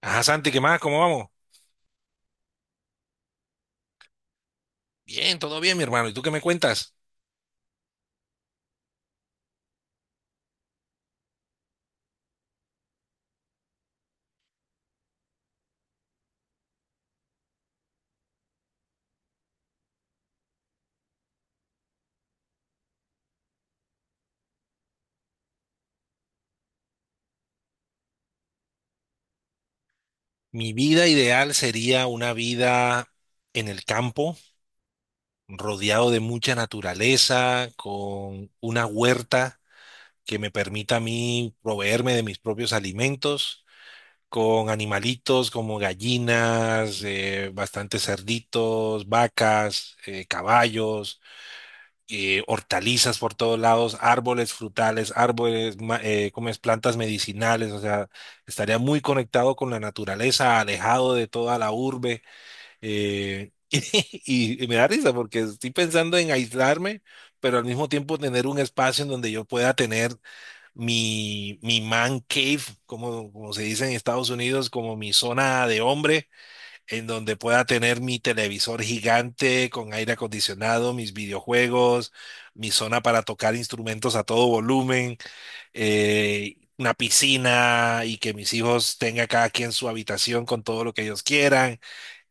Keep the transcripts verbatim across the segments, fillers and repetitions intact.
Ajá, Santi, ¿qué más? ¿Cómo vamos? Bien, todo bien, mi hermano. ¿Y tú qué me cuentas? Mi vida ideal sería una vida en el campo, rodeado de mucha naturaleza, con una huerta que me permita a mí proveerme de mis propios alimentos, con animalitos como gallinas, eh, bastantes cerditos, vacas, eh, caballos. Eh, hortalizas por todos lados, árboles frutales, árboles, ma- eh, como es, plantas medicinales, o sea, estaría muy conectado con la naturaleza, alejado de toda la urbe. eh, y, y me da risa porque estoy pensando en aislarme, pero al mismo tiempo tener un espacio en donde yo pueda tener mi, mi man cave, como, como se dice en Estados Unidos, como mi zona de hombre en donde pueda tener mi televisor gigante con aire acondicionado, mis videojuegos, mi zona para tocar instrumentos a todo volumen, eh, una piscina y que mis hijos tengan cada quien su habitación con todo lo que ellos quieran,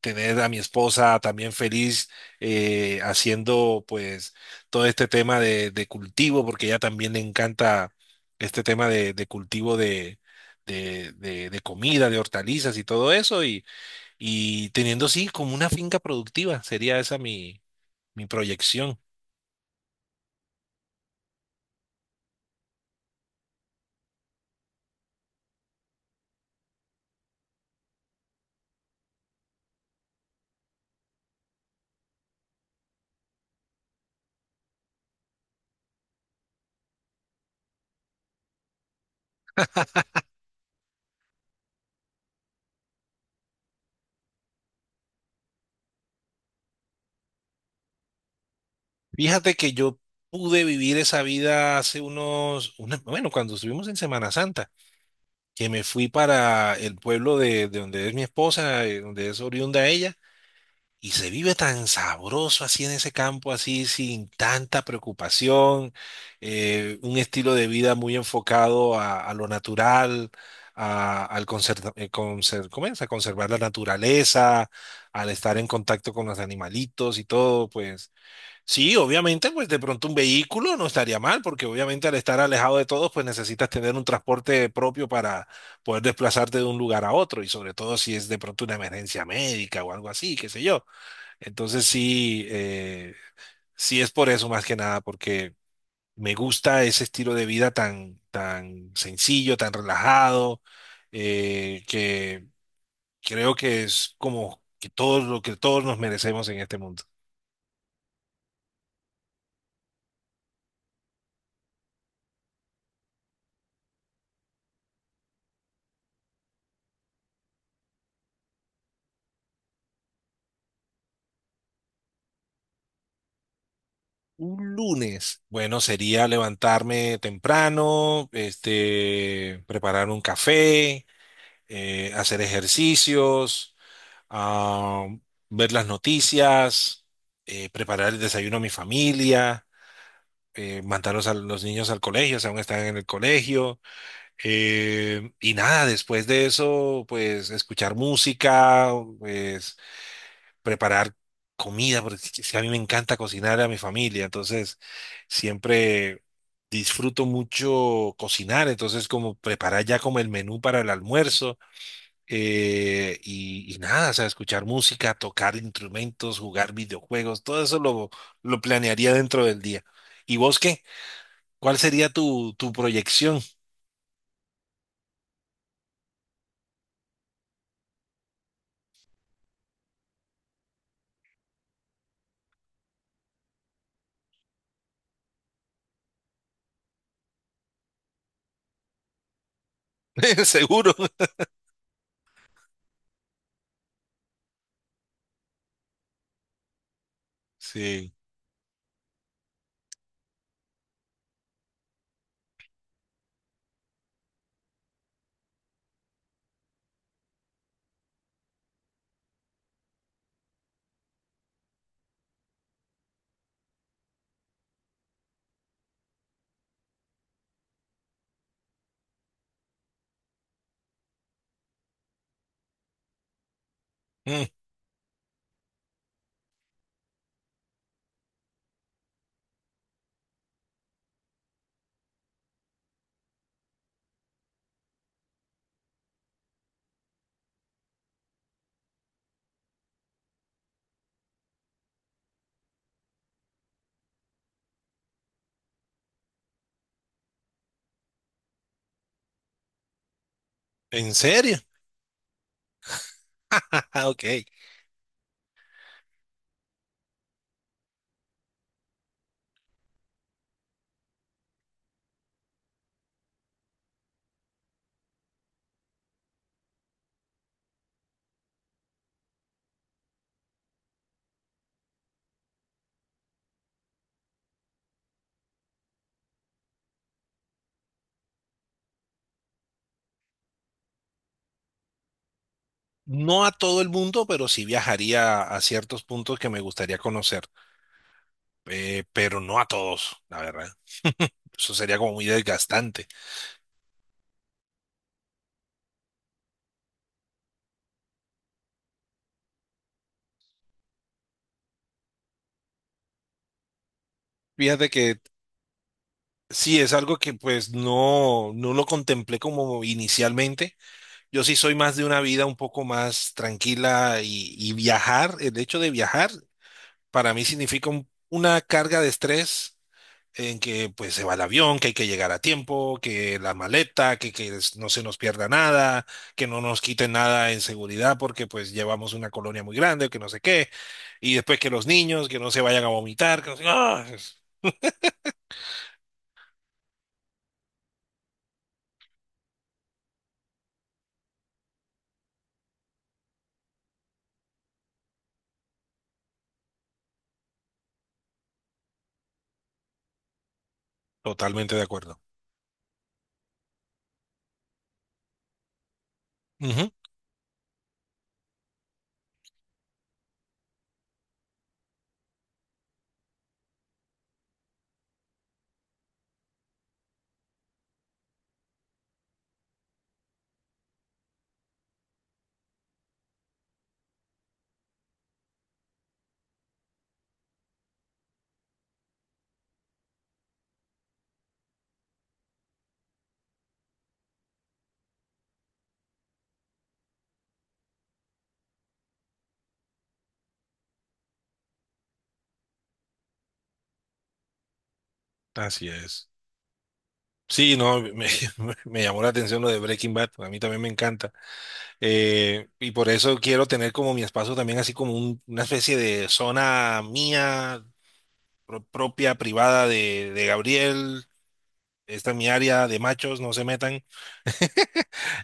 tener a mi esposa también feliz, eh, haciendo pues todo este tema de, de cultivo, porque ella también le encanta este tema de, de cultivo de... de, de de comida, de hortalizas y todo eso, y, y teniendo así como una finca productiva, sería esa mi, mi proyección. Fíjate que yo pude vivir esa vida hace unos, una- bueno, cuando estuvimos en Semana Santa, que me fui para el pueblo de, de donde es mi esposa, eh, donde es oriunda ella. Y se vive tan sabroso así en ese campo, así sin tanta preocupación, eh, un estilo de vida muy enfocado a, a lo natural, a, al conserva- eh, conser- ¿cómo es? A conservar la naturaleza, al estar en contacto con los animalitos y todo, pues sí, obviamente, pues de pronto un vehículo no estaría mal, porque obviamente al estar alejado de todos, pues necesitas tener un transporte propio para poder desplazarte de un lugar a otro, y sobre todo si es de pronto una emergencia médica o algo así, qué sé yo. Entonces sí, eh, sí es por eso más que nada, porque me gusta ese estilo de vida tan, tan sencillo, tan relajado, eh, que creo que es como que todos lo que todos nos merecemos en este mundo. Un lunes, bueno, sería levantarme temprano, este, preparar un café, eh, hacer ejercicios, ah, ver las noticias, eh, preparar el desayuno a mi familia, eh, mandarlos a los niños al colegio, o sea, aún están en el colegio. Eh, y nada, después de eso, pues escuchar música, pues preparar comida, porque es que a mí me encanta cocinar a mi familia, entonces siempre disfruto mucho cocinar, entonces como preparar ya como el menú para el almuerzo. Eh, y, y nada, o sea, escuchar música, tocar instrumentos, jugar videojuegos, todo eso lo, lo planearía dentro del día. ¿Y vos qué? ¿Cuál sería tu, tu proyección? Seguro. Sí. Mm. ¿En serio? Ok. No a todo el mundo, pero sí viajaría a ciertos puntos que me gustaría conocer, eh, pero no a todos, la verdad. Eso sería como muy desgastante. Fíjate que sí, es algo que pues no, no lo contemplé como inicialmente. Yo sí soy más de una vida un poco más tranquila y, y viajar, el hecho de viajar para mí significa un- una carga de estrés en que pues se va el avión, que hay que llegar a tiempo, que la maleta, que, que es- no se nos pierda nada, que no nos quiten nada en seguridad porque pues llevamos una colonia muy grande, que no sé qué, y después que los niños, que no se vayan a vomitar, que no sé- ¡Ah! Es- Totalmente de acuerdo. Ujú. Así es. Sí, no, me, me llamó la atención lo de Breaking Bad, a mí también me encanta. Eh, y por eso quiero tener como mi espacio también así como un- una especie de zona mía, pro- propia, privada de, de Gabriel. Esta es mi área de machos, no se metan,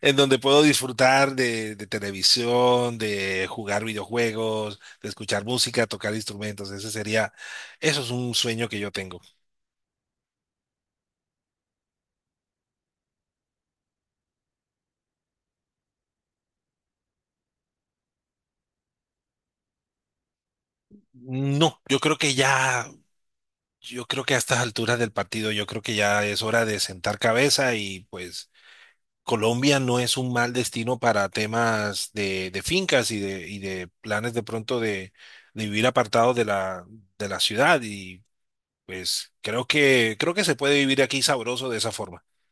en donde puedo disfrutar de, de televisión, de jugar videojuegos, de escuchar música, tocar instrumentos. Ese sería, eso es un sueño que yo tengo. No, yo creo que ya, yo creo que a estas alturas del partido, yo creo que ya es hora de sentar cabeza y pues Colombia no es un mal destino para temas de, de fincas y de, y de planes de pronto de, de vivir apartados de la, de la ciudad y pues creo que, creo que se puede vivir aquí sabroso de esa forma.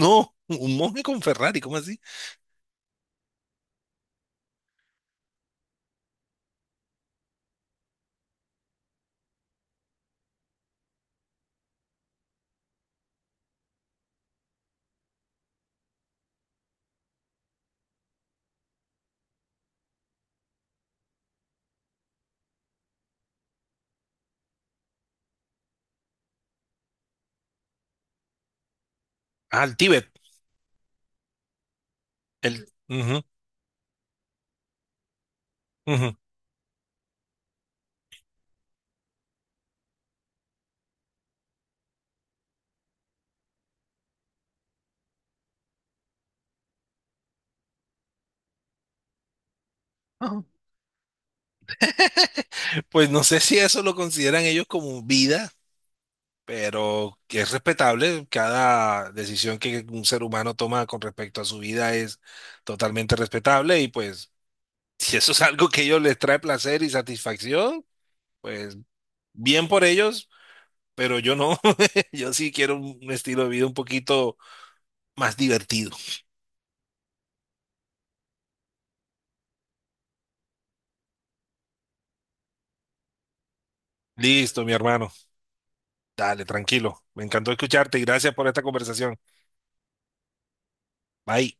No, un monje con Ferrari, ¿cómo así? Ah, el Tíbet. El, ujú, ujú. Ajá. Pues no sé si eso lo consideran ellos como vida, pero que es respetable. Cada decisión que un ser humano toma con respecto a su vida es totalmente respetable y pues si eso es algo que a ellos les trae placer y satisfacción, pues bien por ellos, pero yo no. Yo sí quiero un un estilo de vida un poquito más divertido. Listo, mi hermano. Dale, tranquilo. Me encantó escucharte y gracias por esta conversación. Bye.